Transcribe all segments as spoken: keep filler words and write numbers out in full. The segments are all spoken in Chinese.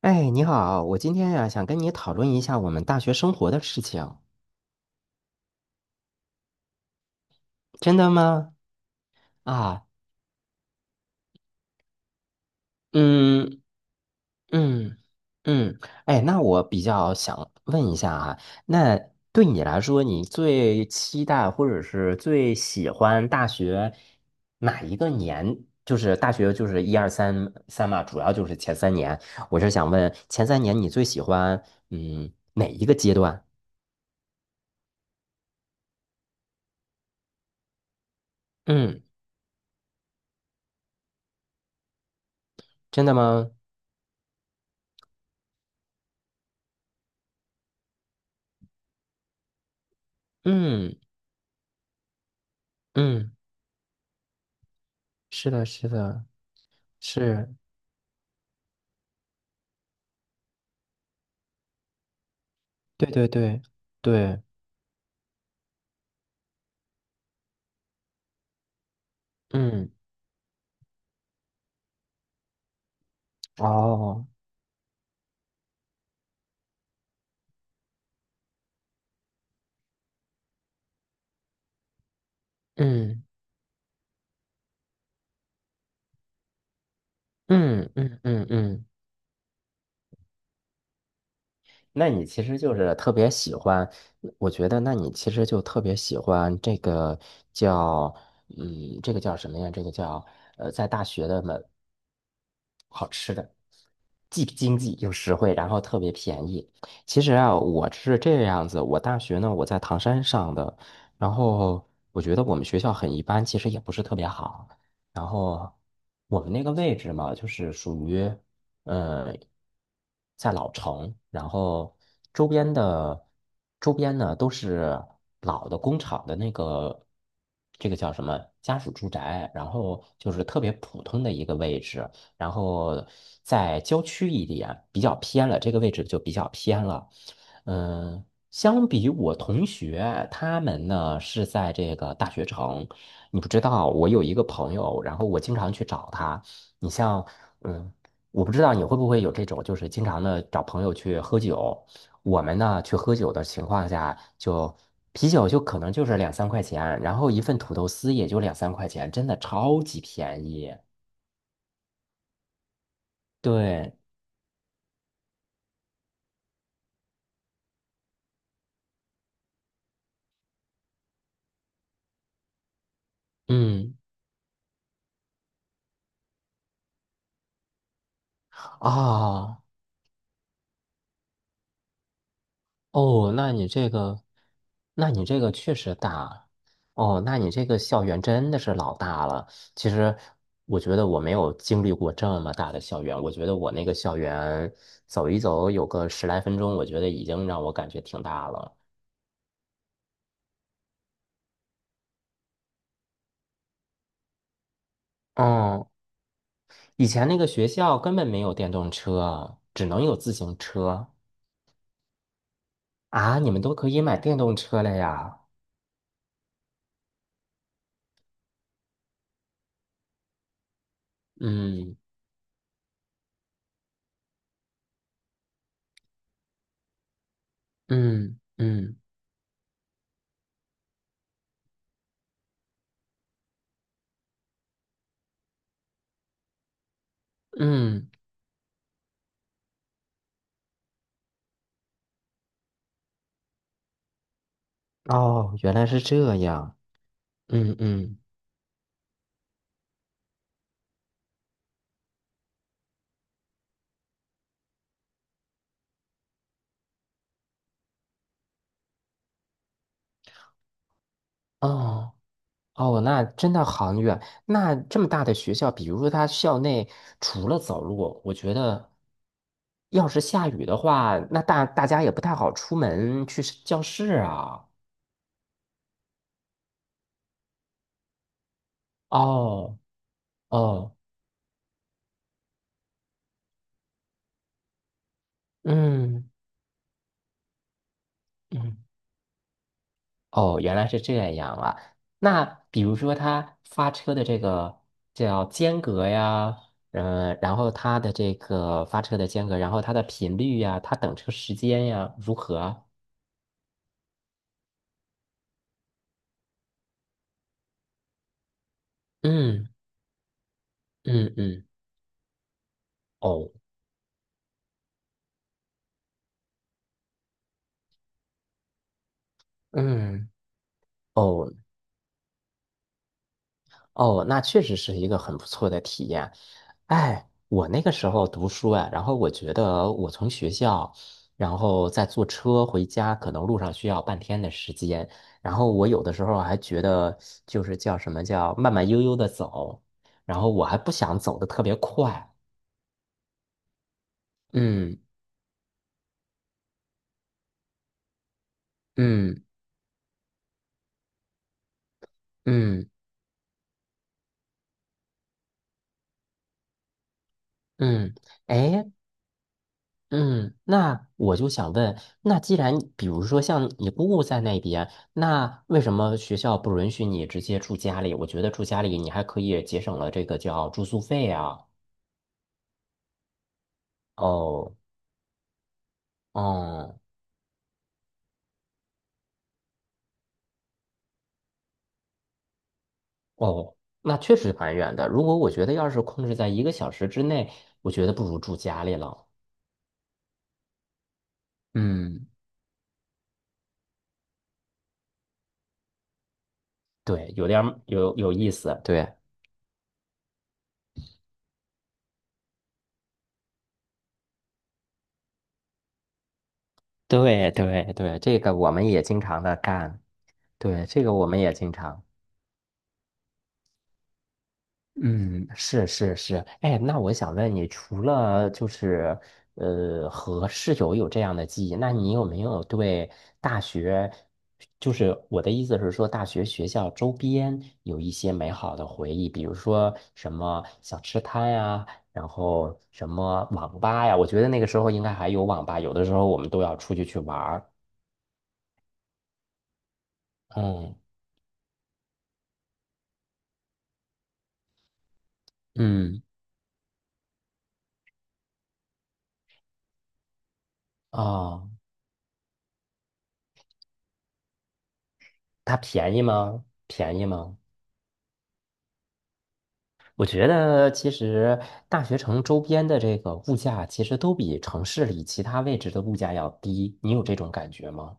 哎，你好，我今天呀，想跟你讨论一下我们大学生活的事情。真的吗？啊，嗯嗯嗯。哎，那我比较想问一下啊，那对你来说，你最期待或者是最喜欢大学哪一个年？就是大学就是一二三三嘛，主要就是前三年。我是想问前三年你最喜欢嗯哪一个阶段？嗯，真的吗？嗯嗯。是的，是的，是，对对对对，嗯，哦，嗯嗯嗯嗯嗯。那你其实就是特别喜欢，我觉得那你其实就特别喜欢这个叫，嗯，这个叫什么呀？这个叫呃，在大学的门好吃的，既经济又实惠，然后特别便宜。其实啊，我是这个样子，我大学呢我在唐山上的。然后我觉得我们学校很一般，其实也不是特别好。然后我们那个位置嘛，就是属于呃在老城，然后周边的周边呢都是老的工厂的那个，这个叫什么家属住宅，然后就是特别普通的一个位置。然后在郊区一点，比较偏了，这个位置就比较偏了。嗯，相比我同学他们呢是在这个大学城，你不知道，我有一个朋友，然后我经常去找他。你像，嗯，我不知道你会不会有这种，就是经常的找朋友去喝酒。我们呢去喝酒的情况下，就啤酒就可能就是两三块钱，然后一份土豆丝也就两三块钱，真的超级便宜。对，嗯。啊哦，那你这个，那你这个确实大。哦，那你这个校园真的是老大了。其实我觉得我没有经历过这么大的校园，我觉得我那个校园走一走有个十来分钟，我觉得已经让我感觉挺大了。嗯，以前那个学校根本没有电动车，只能有自行车。啊，你们都可以买电动车了呀。嗯嗯嗯嗯，哦，原来是这样。嗯嗯，哦哦，那真的很远。那这么大的学校，比如说它校内除了走路，我觉得要是下雨的话，那大大家也不太好出门去是教室啊。哦哦，嗯嗯，哦，原来是这样啊。那比如说他发车的这个叫间隔呀，嗯，然后它的这个发车的间隔，然后它的频率呀，它等车时间呀，如何啊？嗯嗯嗯，哦，嗯哦哦，那确实是一个很不错的体验。哎，我那个时候读书啊，然后我觉得我从学校，然后再坐车回家，可能路上需要半天的时间。然后我有的时候还觉得，就是叫什么叫慢慢悠悠的走，然后我还不想走的特别快。嗯嗯嗯嗯，哎，嗯，那我就想问，那既然比如说像你姑姑在那边，那为什么学校不允许你直接住家里？我觉得住家里你还可以节省了这个叫住宿费啊。哦，哦，哦，那确实蛮远的。如果我觉得要是控制在一个小时之内，我觉得不如住家里了。嗯，对，有点儿有有意思。对，对，对，对，这个我们也经常的干。对，这个我们也经常。嗯，是是是，哎，那我想问你，除了就是呃和室友有这样的记忆，那你有没有对大学，就是我的意思是说，大学学校周边有一些美好的回忆，比如说什么小吃摊呀，然后什么网吧呀，我觉得那个时候应该还有网吧，有的时候我们都要出去去玩儿。嗯嗯，哦，它便宜吗？便宜吗？我觉得其实大学城周边的这个物价，其实都比城市里其他位置的物价要低。你有这种感觉吗？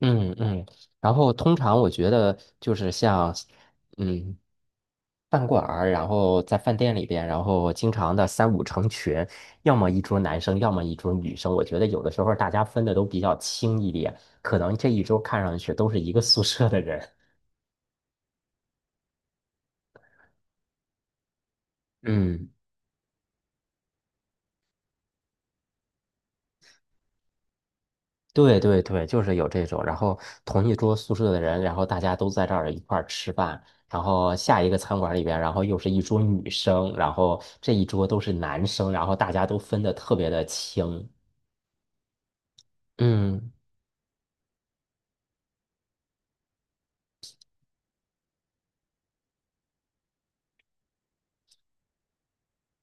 嗯嗯。然后通常我觉得就是像，嗯，饭馆儿，然后在饭店里边，然后经常的三五成群，要么一桌男生，要么一桌女生。我觉得有的时候大家分的都比较轻一点，可能这一桌看上去都是一个宿舍的人。嗯。对对对，就是有这种，然后同一桌宿舍的人，然后大家都在这儿一块儿吃饭，然后下一个餐馆里边，然后又是一桌女生，然后这一桌都是男生，然后大家都分得特别的清。嗯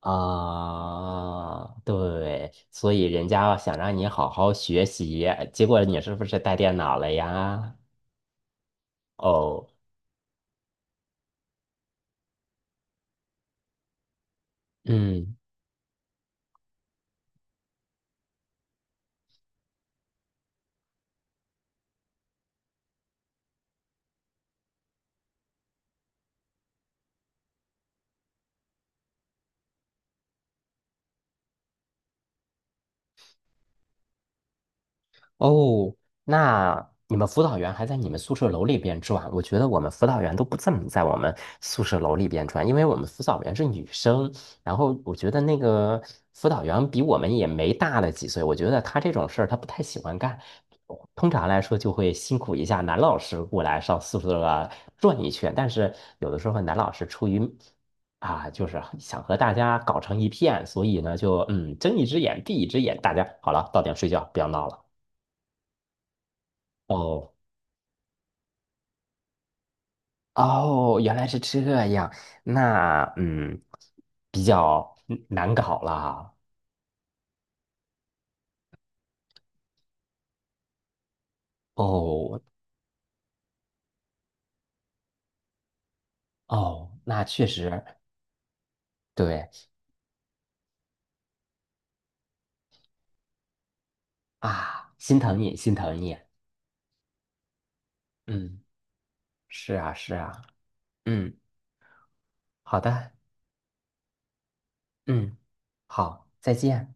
啊，对，所以人家想让你好好学习，结果你是不是带电脑了呀？哦，嗯。哦，那你们辅导员还在你们宿舍楼里边转？我觉得我们辅导员都不怎么在我们宿舍楼里边转，因为我们辅导员是女生，然后我觉得那个辅导员比我们也没大了几岁，我觉得他这种事儿他不太喜欢干，通常来说就会辛苦一下男老师过来上宿舍啊转一圈，但是有的时候男老师出于啊，就是想和大家搞成一片，所以呢就嗯睁一只眼闭一只眼，大家好了，到点睡觉，不要闹了。哦哦，原来是这样，那嗯，比较嗯难搞啦。哦哦，那确实对啊，心疼你，心疼你。嗯，是啊，是啊。嗯，好的。嗯，好，再见。